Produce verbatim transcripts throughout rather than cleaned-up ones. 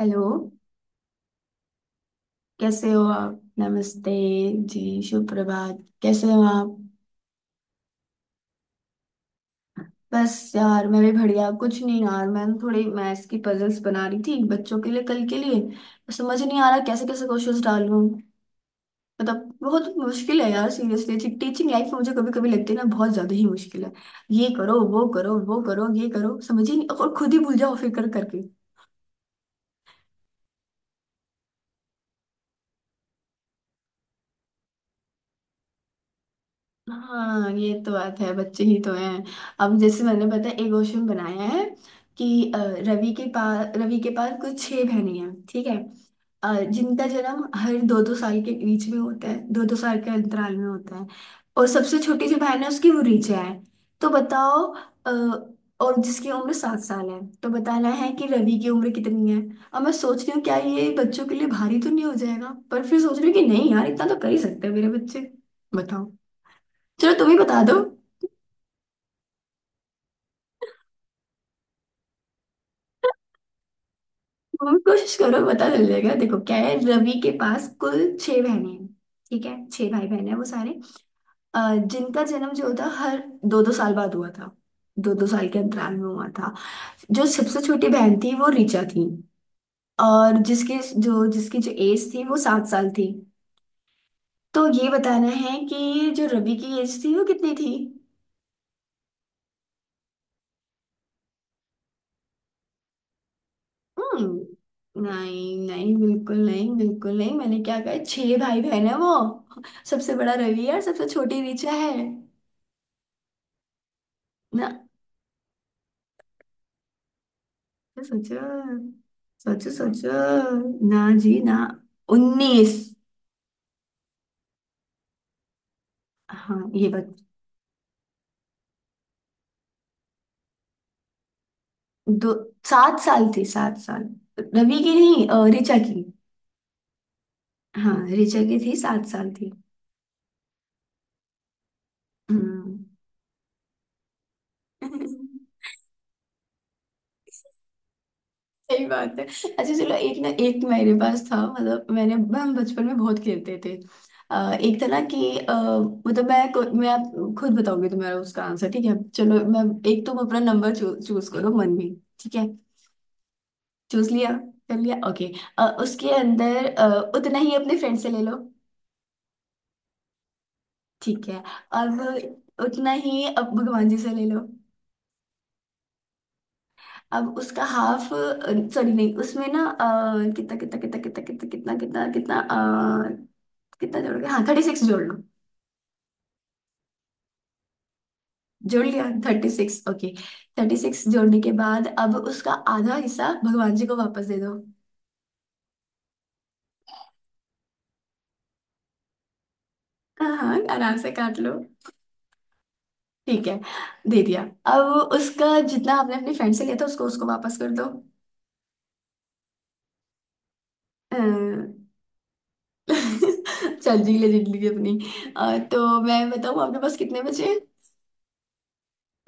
Hello. कैसे हो आप? नमस्ते जी। शुभ प्रभात। कैसे हो आप? बस यार, मैं भी बढ़िया। कुछ नहीं यार, मैं ना थोड़ी मैथ्स की पजल्स बना रही थी बच्चों के लिए, कल के लिए। तो समझ नहीं आ रहा कैसे कैसे क्वेश्चंस डालूं। मतलब बहुत मुश्किल है यार, सीरियसली। टीचिंग लाइफ में मुझे कभी कभी लगती है ना, बहुत ज्यादा ही मुश्किल है। ये करो, वो करो, वो करो, ये करो, समझ ही नहीं, और खुद ही भूल जाओ फिर कर करके। हाँ, ये तो बात है, बच्चे ही तो हैं। अब जैसे, मैंने, पता है, एक क्वेश्चन बनाया है कि अ, रवि के पास रवि के पास कुछ छह बहनें हैं, ठीक है? अ, जिनका जन्म हर दो दो साल के बीच में होता है, दो दो साल के अंतराल में होता है। और सबसे छोटी जो बहन है उसकी, वो ऋचा है। तो बताओ, अ, और जिसकी उम्र सात साल है, तो बताना है कि रवि की उम्र कितनी है। अब मैं सोच रही हूँ क्या ये बच्चों के लिए भारी तो नहीं हो जाएगा, पर फिर सोच रही हूँ कि नहीं यार, इतना तो कर ही सकते हैं मेरे बच्चे। बताओ। चलो तुम ही बता दो। तुम भी कोशिश करो, पता चल जाएगा। देखो क्या है, रवि के पास कुल छह बहनें हैं, ठीक है? छह भाई बहन है वो सारे। अ, जिनका जन्म जो था, हर दो दो साल बाद हुआ था, दो दो साल के अंतराल में हुआ था। जो सबसे छोटी बहन थी वो ऋचा थी, और जिसकी जो जिसकी जो एज थी वो सात साल थी। तो ये बताना है कि जो रवि की एज थी वो कितनी थी। हम्म। नहीं नहीं, बिल्कुल नहीं, बिल्कुल नहीं। मैंने क्या कहा, छह भाई बहन है वो। सबसे बड़ा रवि है और सबसे छोटी ऋचा है। ना। सोचो, सोचो, सोचो ना जी ना। उन्नीस। हाँ, ये बात। दो। सात साल थी, सात साल। रवि की नहीं, अ, ऋचा की। हाँ, ऋचा की थी, सात साल थी। हम्म। सही बात है। अच्छा चलो, एक ना एक मेरे पास था। मतलब मैंने, हम बचपन में बहुत खेलते थे। अ, एक था ना कि अ, मतलब मैं को- मैं आप खुद बताऊंगी तुम्हारा, उसका आंसर। ठीक है चलो, मैं एक, तुम अपना नंबर चू, चूज करो मन में, ठीक है? चूज लिया? कर लिया, ओके। उसके अंदर अ, उतना ही अपने फ्रेंड से ले लो। ठीक है। अब उतना ही अब भगवान जी से ले लो। अब उसका हाफ, सॉरी नहीं, उसमें ना अ, कितना कितना कितना कितना कितना कितना कितना कितना कितना जोड़ गया, हाँ, थर्टी सिक्स जोड़ लो। जोड़ लिया, thirty six, okay. Thirty six जोड़ने के बाद अब उसका आधा हिस्सा भगवान जी को वापस दे दो। हाँ हाँ, आराम से काट लो। ठीक है, दे दिया। अब उसका जितना आपने अपने फ्रेंड से लिया था उसको उसको वापस कर दो। अह, चल, जी ले जिंदगी अपनी। अह, तो मैं बताऊँ आपके पास कितने बचे?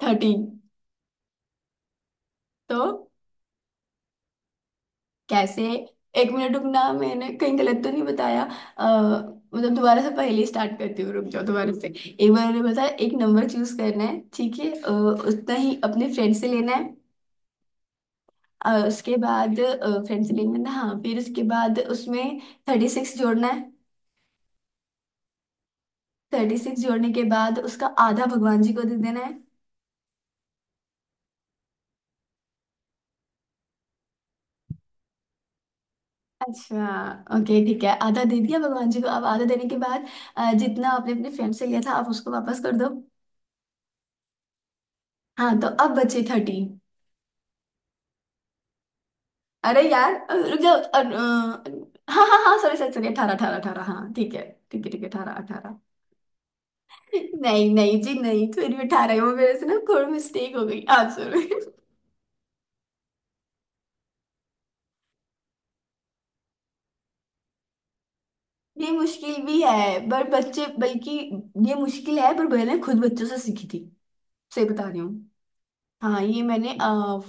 थर्टीन। तो कैसे? एक मिनट रुकना, मैंने कहीं गलत तो नहीं बताया? अ, मतलब दोबारा से पहले स्टार्ट करती हूँ, रुक जाओ। दोबारा से, एक बार मैंने बताया एक नंबर चूज करना है, ठीक है? अ, उतना ही अपने फ्रेंड से लेना है। अ, उसके बाद फ्रेंड से लेना है ना, हाँ, फिर उसके बाद उसमें थर्टी सिक्स जोड़ना है। थर्टी सिक्स जोड़ने के बाद उसका आधा भगवान जी को दे देना है। अच्छा। ओके, ठीक है, आधा दे दिया भगवान जी को। अब आधा देने के बाद अ, जितना आपने अपने फ्रेंड से लिया था, आप उसको वापस कर दो। हाँ, तो अब बचे थर्टी। अरे यार, अ, रुक जाओ, अ, अ, हाँ हाँ हाँ, सॉरी सॉरी सॉरी, अठारह अठारह अठारह, हाँ, ठीक है। ठीक है, ठीक है, अठारह अठारह। नहीं नहीं जी नहीं, फिर भी अठारह है। वो मेरे से ना थोड़ी मिस्टेक हो गई आप, सॉरी। ये मुश्किल भी है पर बच्चे, बल्कि ये मुश्किल है पर मैंने खुद बच्चों से सीखी थी, सही बता रही हूँ। हाँ, ये मैंने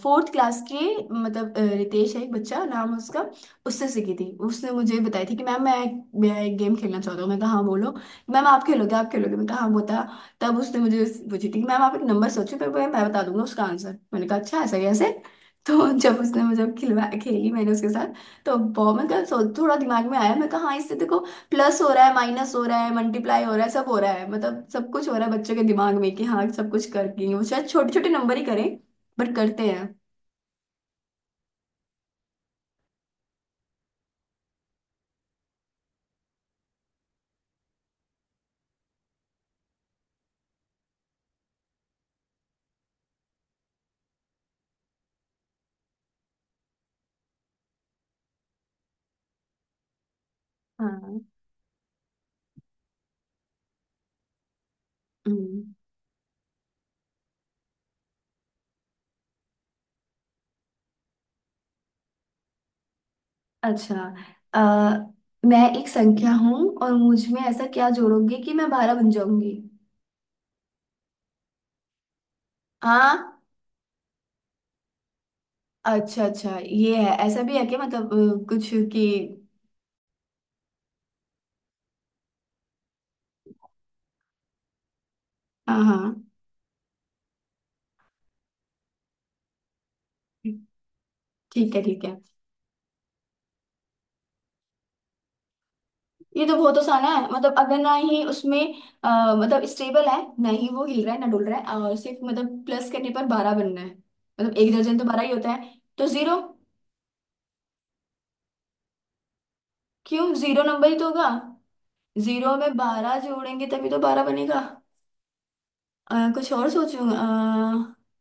फोर्थ क्लास के, मतलब अ, रितेश है एक बच्चा, नाम है उसका। उससे सीखी थी। उसने मुझे बताई थी कि मैम, मैं मैं एक गेम खेलना चाहता हूँ। मैं कहा हाँ बोलो। मैम आप खेलोगे, आप खेलोगे? मैं कहा हाँ बता। तब उसने मुझे पूछी थी कि मैम आप एक नंबर सोचो, फिर मैं मैं बता दूंगा उसका आंसर। मैंने कहा अच्छा, ऐसा कैसे। तो जब उसने मुझे खिलवा, खेली मैंने उसके साथ, तो बहुत, मैं कहा, "सो- थोड़ा दिमाग में आया। मैं कहा हाँ, इससे देखो प्लस हो रहा है, माइनस हो रहा है, मल्टीप्लाई हो रहा है, सब हो रहा है, मतलब सब कुछ हो रहा है बच्चों के दिमाग में कि हाँ, सब कुछ करके वो शायद छोटे छोटे नंबर ही करें, बट करते हैं। हाँ। हम्म। अच्छा। आ, मैं एक संख्या हूँ और मुझ में ऐसा क्या जोड़ोगे कि मैं बारह बन जाऊंगी? हाँ। अच्छा अच्छा, ये है, ऐसा भी है कि मतलब अ, कुछ कि, हाँ हाँ, ठीक है, ठीक है। ये तो बहुत आसान है। मतलब अगर ना ही उसमें अ, मतलब स्टेबल है, ना ही वो हिल रहा है ना डुल रहा है, और सिर्फ मतलब प्लस करने पर बारह बनना है, मतलब एक दर्जन तो बारह ही होता है, तो जीरो। क्यों, जीरो नंबर ही तो होगा। जीरो में बारह जोड़ेंगे तभी तो बारह बनेगा। अ, कुछ और सोचूंगा। अ,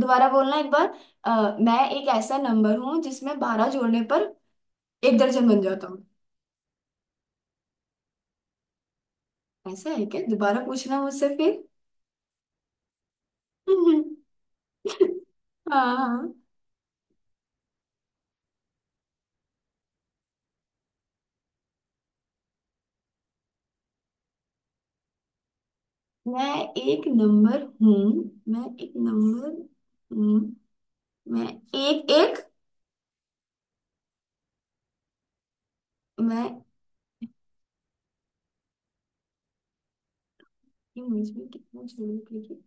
दोबारा बोलना एक बार। अ, मैं एक ऐसा नंबर हूँ जिसमें बारह जोड़ने पर एक दर्जन बन जाता हूँ? ऐसा है क्या, दोबारा पूछना मुझसे फिर। हाँ हाँ। मैं एक नंबर हूँ, मैं एक नंबर हूँ, मैं एक एक मैं। इंग्लिश में कितना जोड़ूंगी, क्योंकि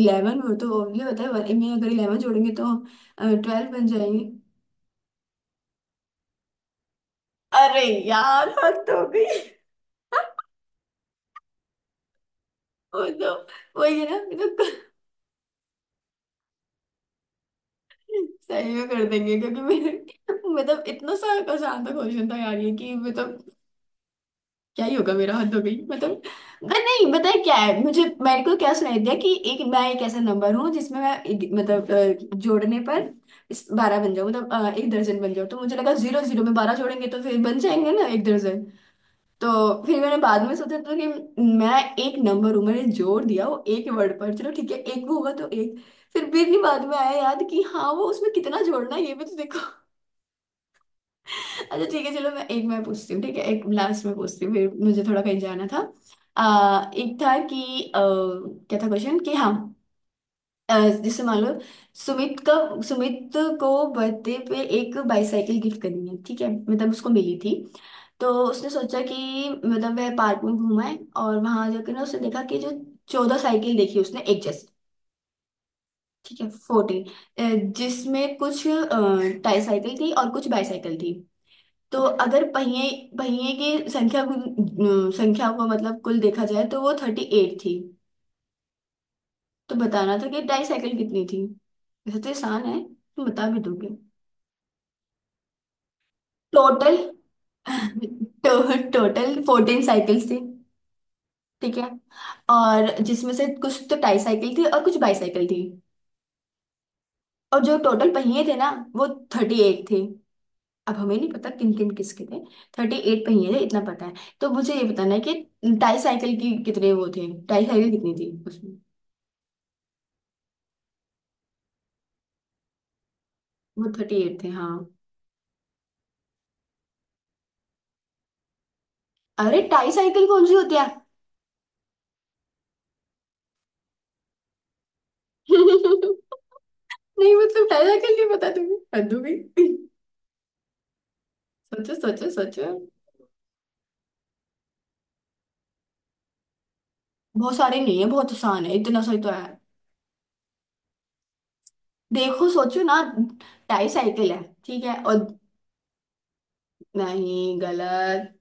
इलेवन वो तो ओनली होता है वन में, अगर इलेवन जोड़ेंगे तो ट्वेल्व बन जाएंगे। अरे यार, हद हो गई, वो तो। वही है ना, ये तो तो सही में कर देंगे, क्योंकि मेरे, मतलब इतना सा आसान था क्वेश्चन था यार ये, कि मतलब क्या ही होगा मेरा, हद हो गई। मतलब मैं नहीं, पता है क्या है, मुझे, मेरे को क्या सुनाई दिया कि, एक मैं एक ऐसा नंबर हूँ जिसमें मैं एक- मतलब अ, जोड़ने पर इस बारह बन जाऊँ, मतलब अ, एक दर्जन बन जाऊँ, तो मुझे लगा जीरो, जीरो में बारह जोड़ेंगे तो फिर बन जाएंगे ना एक दर्जन। तो फिर मैंने बाद में सोचा तो कि मैं एक नंबर हूँ, मैंने जोड़ दिया वो एक वर्ड पर, चलो ठीक है, एक होगा तो एक। फिर भी नहीं, बाद में आया याद कि हाँ, वो उसमें कितना जोड़ना है ये भी तो देखो। अच्छा ठीक है चलो, मैं एक, मैं पूछती हूँ, ठीक है, एक लास्ट में पूछती हूँ, फिर मुझे थोड़ा कहीं जाना था। आ, एक था कि अ, क्या था क्वेश्चन, कि हाँ अ, जैसे मान लो, सुमित का सुमित को बर्थडे पे एक बाईसाइकिल गिफ्ट करनी है, ठीक है, मतलब उसको मिली थी। तो उसने सोचा कि मतलब, वह पार्क में घूमा है, और वहां जाकर ना उसने देखा कि जो चौदह साइकिल देखी उसने एक जैसी, ठीक है, फोर्टीन, जिसमें कुछ टाई साइकिल थी और कुछ बाईसाइकिल थी। तो अगर पहिए, पहिए की संख्या को- संख्या को मतलब कुल देखा जाए तो वो थर्टी एट थी। तो बताना था कि डाईसाइकिल कितनी थी। वैसे तो आसान है, तुम बता भी दोगे। टोटल, तो टोटल फोर्टीन साइकिल्स थी, ठीक है? और जिसमें से कुछ तो टाई साइकिल थी और कुछ बाईसाइकिल थी। और जो टोटल पहिए थे ना, वो थर्टी एट थे। अब हमें नहीं पता किन किन किसके थे। थर्टी एट पहिए थे, इतना पता है। तो मुझे ये बताना है कि टाई साइकिल की कितने वो थे, टाई साइकिल कितनी थी उसमें। वो थर्टी एट थे, हाँ। अरे, टाई साइकिल कौन सी होती है? नहीं मतलब टाई साइकिल नहीं पता तुम्हें, हद हो गई। सोचो, सोचो, सोचो। बहुत सारे नहीं है, बहुत आसान है, इतना सही तो है। देखो, सोचो ना, टाई साइकिल है, ठीक है, और नहीं, गलत।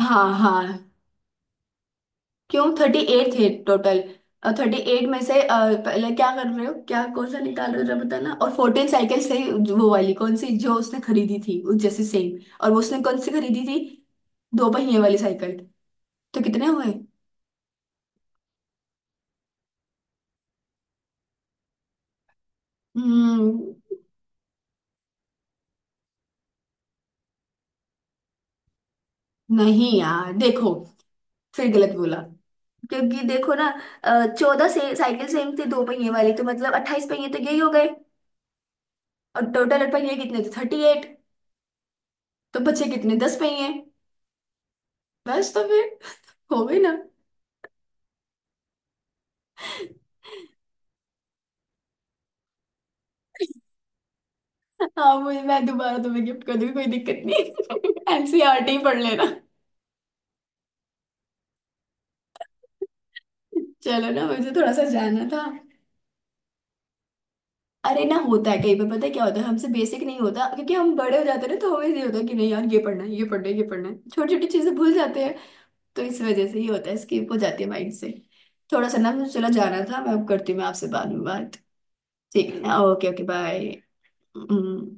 हाँ हाँ, क्यों, थर्टी एट थे टोटल। थर्टी एट में से अ, पहले क्या कर रहे हो, क्या कौन सा निकाल रहे हो, जरा बताना, और फोर्टीन साइकिल से वो वाली कौन सी जो उसने खरीदी थी, उस जैसी सेम? और वो उसने कौन सी खरीदी थी, दो पहिए वाली साइकिल, तो कितने हुए? हम्म। नहीं यार देखो, फिर गलत बोला, क्योंकि देखो ना, चौदह से साइकिल सेम थी दो पहिए वाली, तो मतलब अट्ठाईस पहिए तो यही हो गए। और टोटल पहिए कितने थे, थर्टी एट, तो बचे कितने, दस पहिए। बस, तो फिर हो गई ना। हाँ, मुझे, मैं दोबारा तुम्हें गिफ्ट कर दूंगी, कोई दिक्कत नहीं। N C E R T पढ़ लेना। चलो ना, मुझे थोड़ा सा जानना था। अरे ना, होता है कई बार, पता है क्या होता है, हमसे बेसिक नहीं होता, क्योंकि हम बड़े हो जाते हैं ना। तो हमें ये होता है कि नहीं यार, ये पढ़ना है, ये पढ़ना है, ये पढ़ना है, छोटी छोटी चीजें भूल जाते हैं। तो इस वजह से ये होता है, स्किप हो जाती है माइंड से। थोड़ा सा ना मुझे चला जाना था, मैं अब करती हूँ, मैं आपसे बाद में बात। ठीक है ना? Okay okay. बाय।